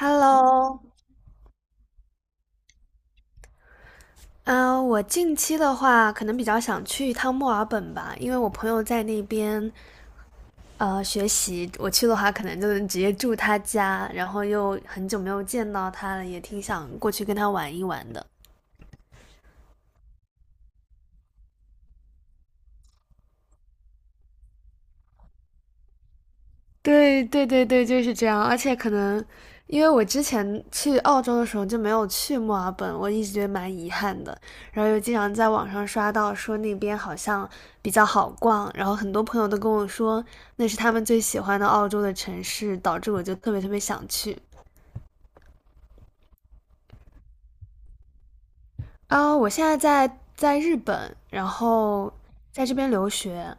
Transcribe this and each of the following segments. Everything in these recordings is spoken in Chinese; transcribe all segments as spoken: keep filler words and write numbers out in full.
Hello，啊，我近期的话，可能比较想去一趟墨尔本吧，因为我朋友在那边呃学习，我去的话可能就是直接住他家，然后又很久没有见到他了，也挺想过去跟他玩一玩的。对对对对，就是这样。而且可能因为我之前去澳洲的时候就没有去墨尔本，我一直觉得蛮遗憾的。然后又经常在网上刷到说那边好像比较好逛，然后很多朋友都跟我说那是他们最喜欢的澳洲的城市，导致我就特别特别想去。啊，我现在在在日本，然后在这边留学。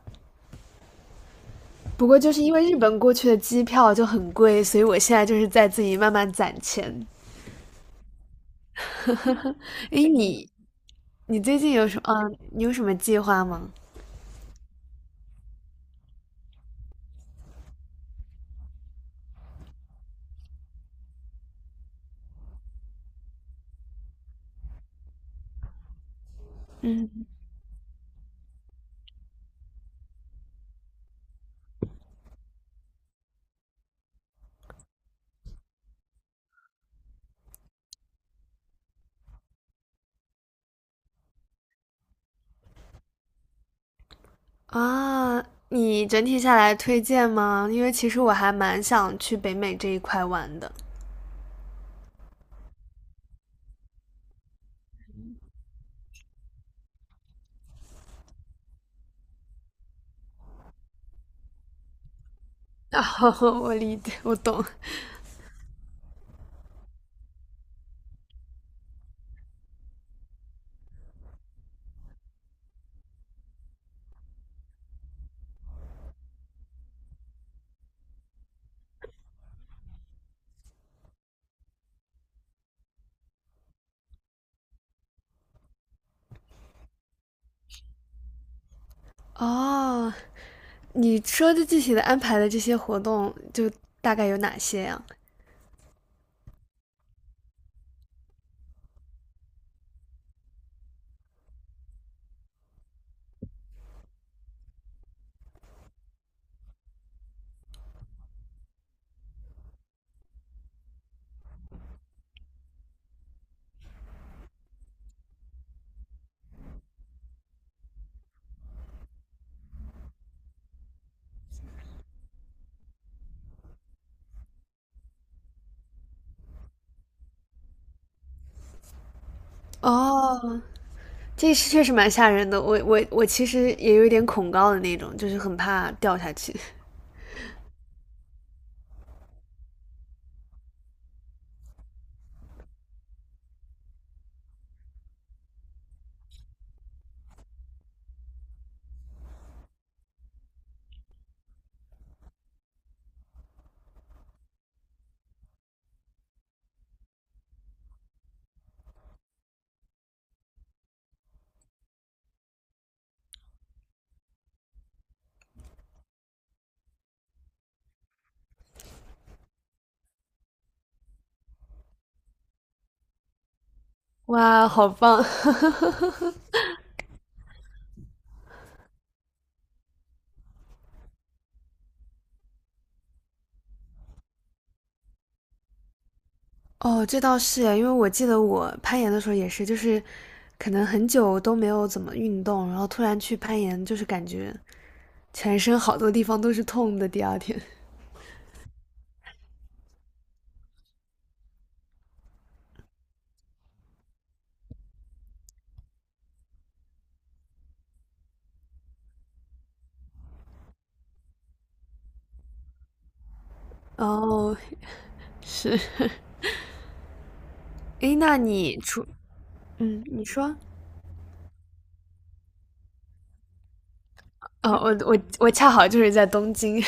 不过就是因为日本过去的机票就很贵，所以我现在就是在自己慢慢攒钱。诶，你你最近有什么？嗯、你有什么计划吗？啊，你整体下来推荐吗？因为其实我还蛮想去北美这一块玩的。啊，我理解，我懂。哦，你说的具体的安排的这些活动，就大概有哪些呀？哦，这是确实蛮吓人的。我我我其实也有一点恐高的那种，就是很怕掉下去。哇，好棒！哦，这倒是诶，因为我记得我攀岩的时候也是，就是可能很久都没有怎么运动，然后突然去攀岩，就是感觉全身好多地方都是痛的。第二天，哦，是，诶，那你除，嗯，你说，哦，我我我恰好就是在东京，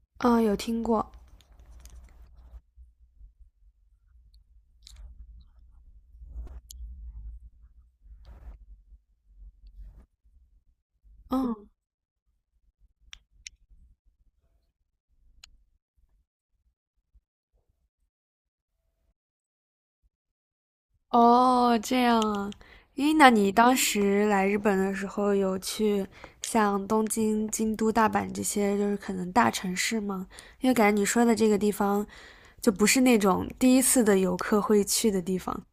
嗯，有听过，哦哦，这样啊。咦，那你当时来日本的时候，有去像东京、京都、大阪这些，就是可能大城市吗？因为感觉你说的这个地方，就不是那种第一次的游客会去的地方。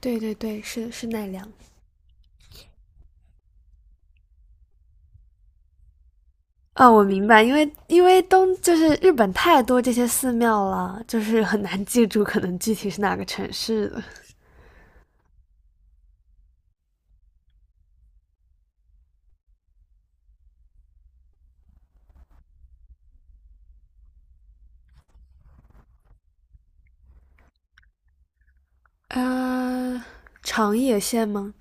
对对对，是是奈良。啊，我明白，因为因为东就是日本太多这些寺庙了，就是很难记住可能具体是哪个城市的。呃，长野县吗？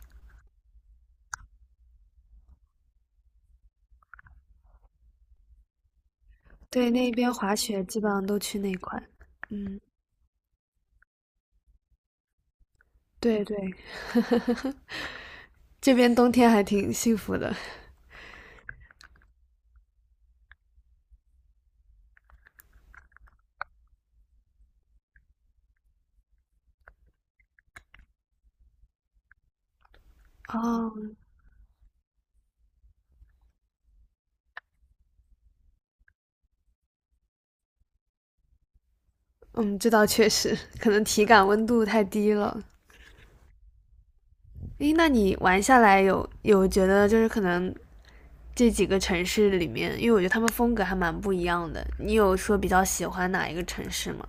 对，那边滑雪基本上都去那块。嗯，对对，这边冬天还挺幸福的。哦，嗯，这倒确实，可能体感温度太低了。诶，那你玩下来有有觉得就是可能这几个城市里面，因为我觉得他们风格还蛮不一样的，你有说比较喜欢哪一个城市吗？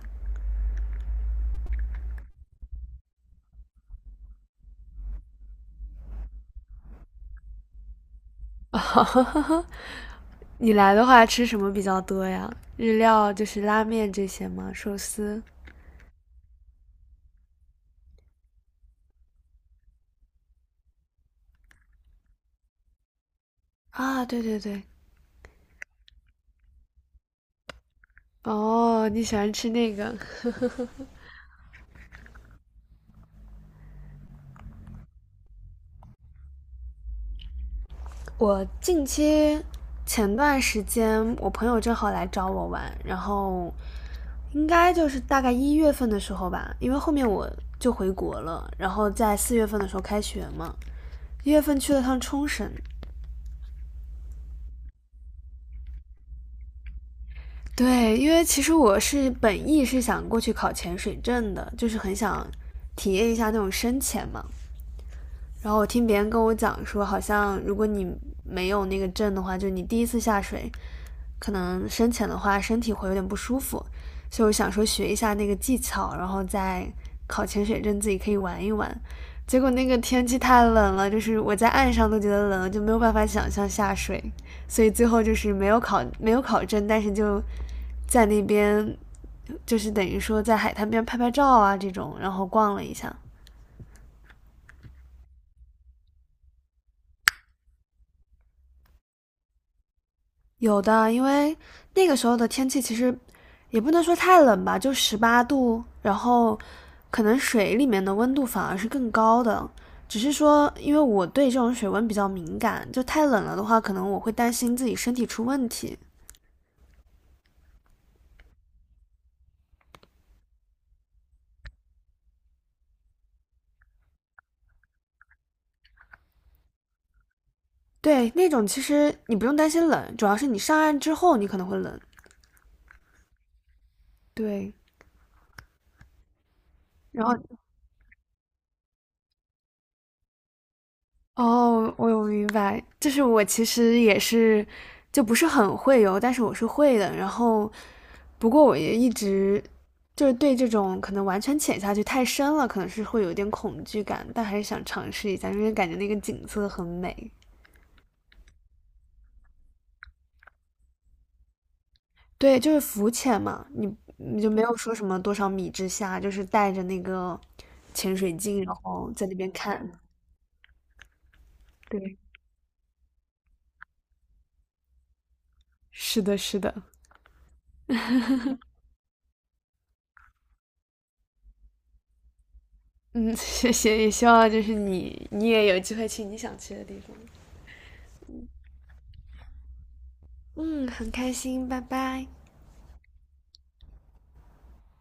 你来的话吃什么比较多呀？日料就是拉面这些吗？寿司？啊，对对对，哦，你喜欢吃那个？我近期前段时间，我朋友正好来找我玩，然后应该就是大概一月份的时候吧，因为后面我就回国了，然后在四月份的时候开学嘛，一月份去了趟冲绳。对，因为其实我是本意是想过去考潜水证的，就是很想体验一下那种深潜嘛。然后我听别人跟我讲说，好像如果你没有那个证的话，就你第一次下水，可能深潜的话身体会有点不舒服，所以我想说学一下那个技巧，然后再考潜水证自己可以玩一玩。结果那个天气太冷了，就是我在岸上都觉得冷，就没有办法想象下水，所以最后就是没有考没有考证，但是就在那边就是等于说在海滩边拍拍照啊这种，然后逛了一下。有的，因为那个时候的天气其实也不能说太冷吧，就十八度，然后可能水里面的温度反而是更高的。只是说，因为我对这种水温比较敏感，就太冷了的话，可能我会担心自己身体出问题。对，那种其实你不用担心冷，主要是你上岸之后你可能会冷。对，然后哦，我有明白，就是我其实也是，就不是很会游，但是我是会的。然后，不过我也一直就是对这种可能完全潜下去太深了，可能是会有一点恐惧感，但还是想尝试一下，因为感觉那个景色很美。对，就是浮潜嘛，你你就没有说什么多少米之下，就是带着那个潜水镜，然后在那边看。对，是的，是的，嗯，谢谢，也希望就是你你也有机会去你想去的地方。嗯，很开心，拜拜。